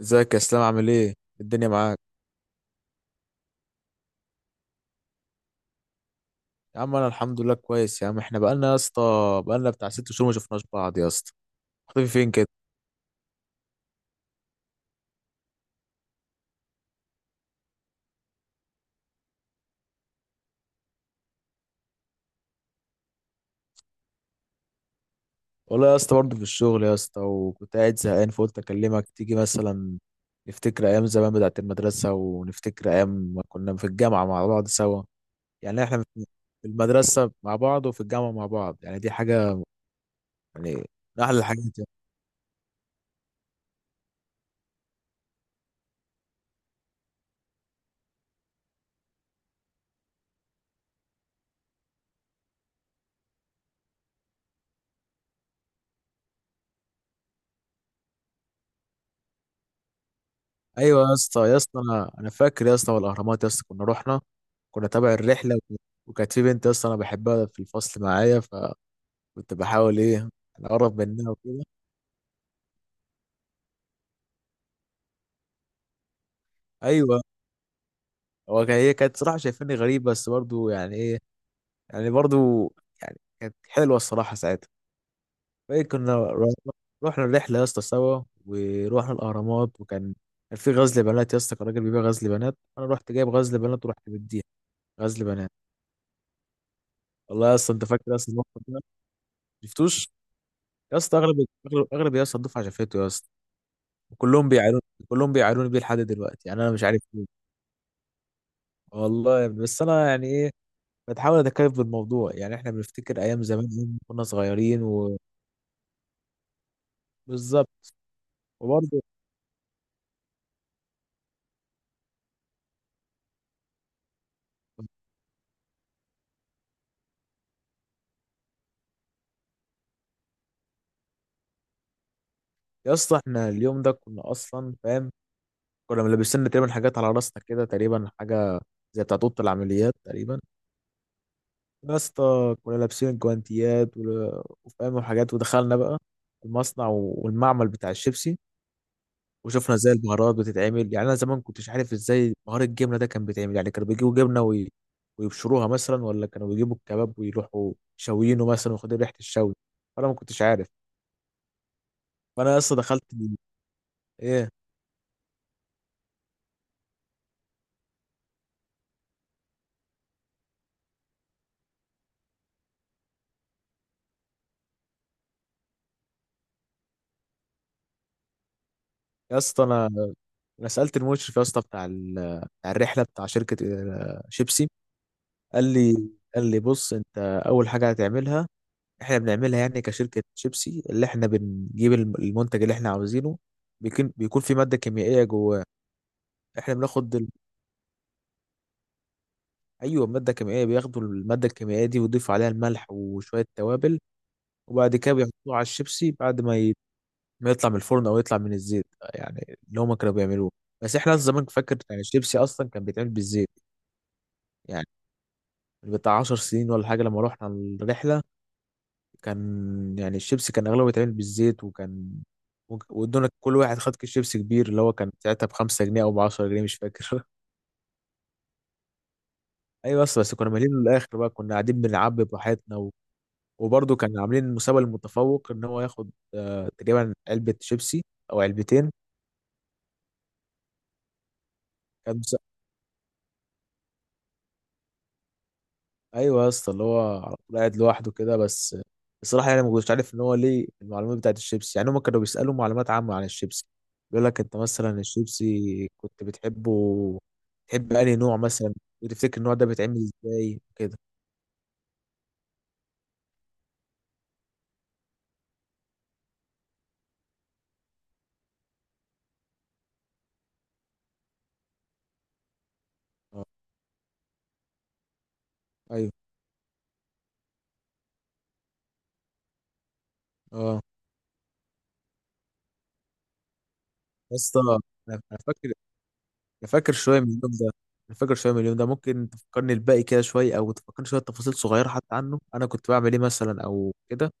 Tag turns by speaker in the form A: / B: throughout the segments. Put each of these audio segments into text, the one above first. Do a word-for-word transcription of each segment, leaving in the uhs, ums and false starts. A: ازيك يا اسلام، عامل ايه؟ الدنيا معاك؟ يا عم انا الحمد لله كويس يا عم. احنا بقالنا يا اسطى، بقالنا بتاع ست شهور ما شفناش بعض يا اسطى. مختفي فين كده؟ والله يا اسطى برضه في الشغل يا اسطى، وكنت قاعد زهقان فقلت اكلمك تيجي مثلا. نفتكر ايام زمان بتاعت المدرسه، ونفتكر ايام ما كنا في الجامعه مع بعض سوا. يعني احنا في المدرسه مع بعض وفي الجامعه مع بعض، يعني دي حاجه يعني من احلى الحاجات. ايوه يا اسطى، يا اسطى انا انا فاكر يا اسطى، والاهرامات يا اسطى كنا رحنا، كنا تابع الرحله وك- وكانت في بنت يا اسطى انا بحبها في الفصل معايا، فكنت بحاول ايه اقرب منها وكده. ايوه، هو كان- هي كانت صراحه شايفاني غريب، بس برضو يعني ايه، يعني برضو يعني كانت حلوه الصراحه ساعتها. فايه كنا ر- رحنا الرحله يا اسطى سوا، ورحنا الاهرامات، وكان كان في غزل بنات يا اسطى، كان راجل بيبيع غزل بنات، انا رحت جايب غزل بنات ورحت مديها غزل بنات. والله يا اسطى انت فاكر اصلا الموقف ده؟ شفتوش يا اسطى؟ اغلب اغلب اغلب يا اسطى الدفعه شافته يا اسطى. كلهم بيعانون كلهم بيعانوني بيه لحد دلوقتي، يعني انا مش عارف ليه. والله يا ابني بس انا يعني ايه، بتحاول اتكيف بالموضوع، يعني احنا بنفتكر ايام زمان يوم كنا صغيرين. وبالظبط. وبرضه يا اسطى احنا اليوم ده كنا اصلا فاهم، كنا ملبسين تقريبا حاجات على راسنا كده، تقريبا حاجه زي بتاعت اوضه العمليات تقريبا. يا اسطى كنا لابسين الجوانتيات وفاهم وحاجات، ودخلنا بقى المصنع والمعمل بتاع الشيبسي، وشفنا ازاي البهارات بتتعمل. يعني انا زمان كنتش عارف ازاي بهار الجبنه ده كان بيتعمل، يعني كانوا بيجيبوا جبنه وي... ويبشروها مثلا، ولا كانوا بيجيبوا الكباب ويروحوا شاويينه مثلا وياخدوا ريحه الشوي، فانا ما كنتش عارف. فانا يا اسطى دخلت ال- ايه يا اسطى انا انا سالت المشرف يا اسطى بتاع ال... بتاع الرحله بتاع شركه آه، شيبسي. قال لي قال لي بص انت اول حاجه هتعملها، احنا بنعملها يعني كشركه شيبسي، اللي احنا بنجيب الم- المنتج اللي احنا عاوزينه، بيكون بيكون في ماده كيميائيه جواه. احنا بناخد، ايوه، ماده كيميائيه، بياخدوا الماده الكيميائيه دي ويضيفوا عليها الملح وشويه توابل، وبعد كده بيحطوه على الشيبسي بعد ما ي... ما يطلع من الفرن او يطلع من الزيت، يعني اللي هما كانوا بيعملوه. بس احنا زمان فاكر يعني الشيبسي اصلا كان بيتعمل بالزيت، يعني بتاع 10 سنين ولا حاجه لما رحنا الرحله، كان يعني الشيبسي كان اغلبه بيتعمل بالزيت. وكان وادونا كل واحد خد كيس شيبسي كبير، اللي هو كان ساعتها ب خمسة جنيه او ب عشرة جنيه مش فاكر. ايوه، بس بس كنا مالين للاخر بقى، كنا قاعدين بنعبي براحتنا. وبرضه كان عاملين المسابقة للمتفوق ان هو ياخد آه، تقريبا علبة شيبسي او علبتين. كان مس... ايوه يا اسطى اللي هو على طول قاعد لوحده كده. بس الصراحة يعني ما كنتش عارف ان هو ليه المعلومات بتاعت الشيبسي، يعني هم كانوا بيسألوا معلومات عامة عن الشيبسي، بيقول لك انت مثلا الشيبسي كنت بتحبه؟ تحب انهي نوع مثلا؟ وتفتكر النوع ده بيتعمل ازاي كده؟ اه. ايوه. اه يا اسطى انا أنا فاكر. أنا فاكر شوية من اليوم ده أنا فاكر شوية من اليوم ده، ممكن تفكرني الباقي كده شوية أو تفكرني شوية تفاصيل صغيرة حتى عنه، أنا كنت بعمل إيه مثلا أو كده؟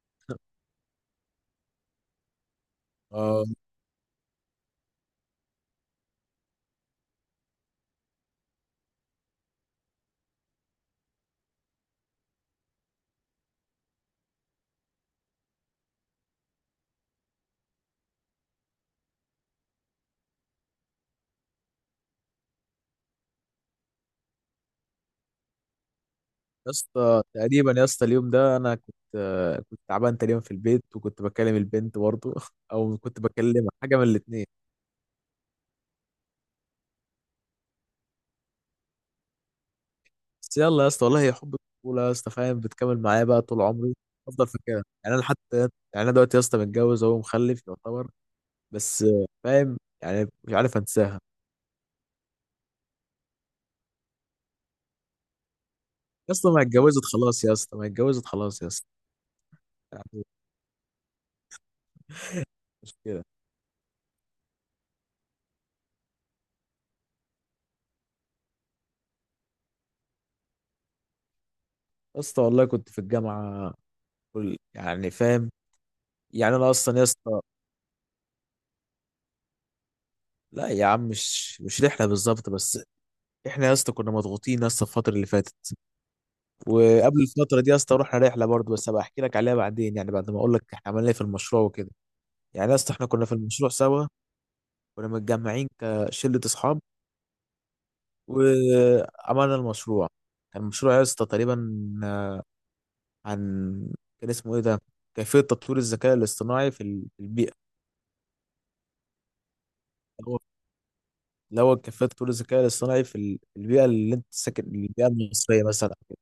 A: آه يا اسطى، تقريبا يا اسطى اليوم ده أنا كنت آه كنت تعبان تقريبا في البيت، وكنت بكلم البنت برضه، أو كنت بكلمها، حاجة من الاتنين. بس يلا يا اسطى والله هي حب الطفولة يا اسطى، فاهم بتكمل معايا بقى طول عمري. أفضل فاكرها يعني، أنا حتى يعني أنا دلوقتي يا اسطى متجوز أهو ومخلف يعتبر، بس آه، فاهم يعني مش عارف أنساها. يا اسطى ما اتجوزت خلاص يا اسطى، ما اتجوزت خلاص يا اسطى، يعني مش كده؟ يا اسطى والله كنت في الجامعه، كل- يعني فاهم، يعني انا اصلا يا اسطى. لا يا عم، مش مش رحله بالظبط، بس احنا يا اسطى كنا مضغوطين يا اسطى الفتره اللي فاتت، وقبل الفتره دي يا اسطى رحنا رحله برضه، بس هبقى احكي لك عليها بعدين، يعني بعد ما اقول لك احنا عملنا ايه في المشروع وكده. يعني يا اسطى احنا كنا في المشروع سوا، كنا متجمعين كشله اصحاب، وعملنا المشروع. كان المشروع يا اسطى تقريبا عن، كان اسمه ايه ده، كيفية تطوير الذكاء الاصطناعي في ال- في البيئة. الأول، الأول كيفية تطوير الذكاء الاصطناعي في ال- في البيئة اللي أنت ساكن، البيئة المصرية مثلا كده.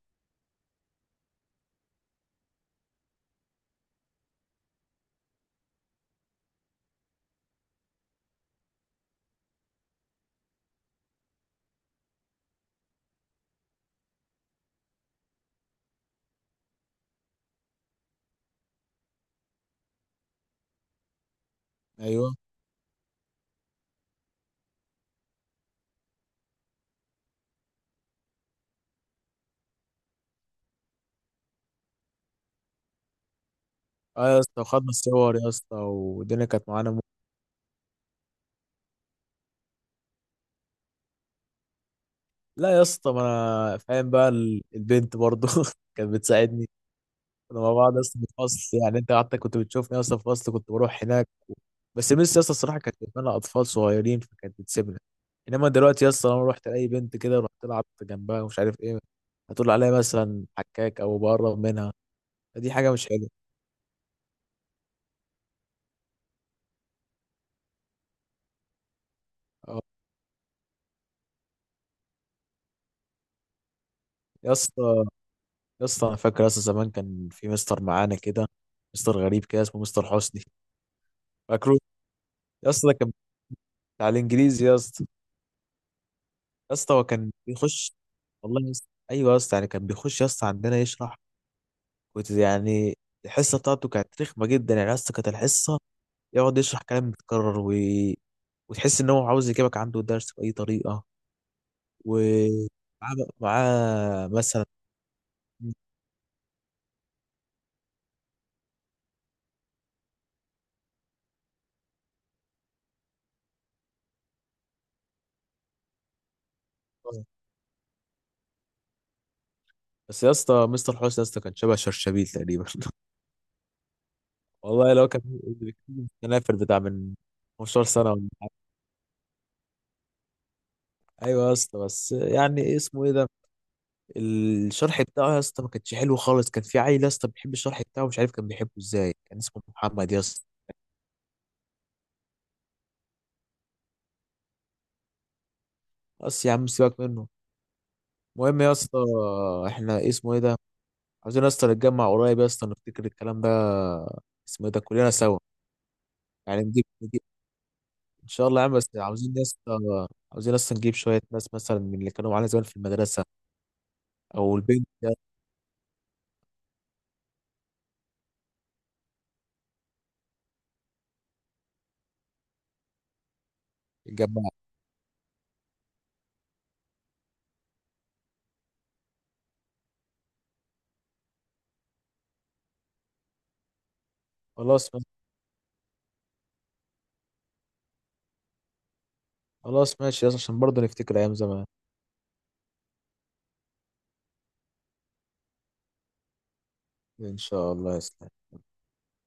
A: أيوه. أه يا اسطى وخدنا الصور يا اسطى، والدنيا كانت معانا مو... لا يا اسطى ما أنا فاهم بقى ال- البنت برضه كانت بتساعدني. كنا مع بعض يا اسطى في الفصل، يعني أنت قعدت كنت بتشوفني يا اسطى في الفصل كنت بروح هناك. بس ميس يا اسطى الصراحه كانت بتتمنى اطفال صغيرين، فكانت بتسيبنا. انما دلوقتي يا اسطى لما رحت لاي بنت كده، رحت لعبت جنبها ومش عارف ايه، هتقول عليها مثلا حكاك او بقرب منها، دي حاجه مش حلوه. اه يا اسطى، يا اسطى انا فاكر يا اسطى زمان كان في مستر معانا كده، مستر غريب كده اسمه مستر حسني، فاكره؟ يا اسطى ده كان بتاع الانجليزي يا اسطى. يا اسطى هو كان بيخش، والله يا اسطى ايوه يا اسطى، يعني كان بيخش يا اسطى عندنا يشرح، كنت يعني الحصه بتاعته كانت رخمه جدا، يعني يا اسطى كانت الحصه يقعد يشرح كلام متكرر، و... وتحس ان هو عاوز يجيبك عنده درس باي طريقه. ومعاه معاه مثلا. بس يا اسطى مستر حسني يا اسطى كان شبه شرشبيل تقريبا. والله لو كان الكنافر بتاع من خمستاشر سنة سنه ولا حاجه. ايوه يا اسطى، بس يعني إيه اسمه ايه ده، الشرح بتاعه يا اسطى ما كانش حلو خالص. كان في عيل يا اسطى بيحب الشرح بتاعه، مش عارف كان بيحبه ازاي، كان اسمه محمد يا اسطى. بس يا عم سيبك منه. المهم يا اسطى احنا إيه اسمه ايه ده، عاوزين يا اسطى نتجمع قريب يا اسطى، نفتكر الكلام ده اسمه إيه ده كلنا سوا، يعني نجيب نجيب. ان شاء الله يا عم، بس عاوزين يا اسطى عاوزين اصلا نجيب شويه ناس مثلا من اللي كانوا معانا زمان في المدرسه، او البنت ده، يتجمع. خلاص ماشي. خلاص ماشي يا اسطى عشان برضه نفتكر ايام زمان. ان شاء الله يا اسطى.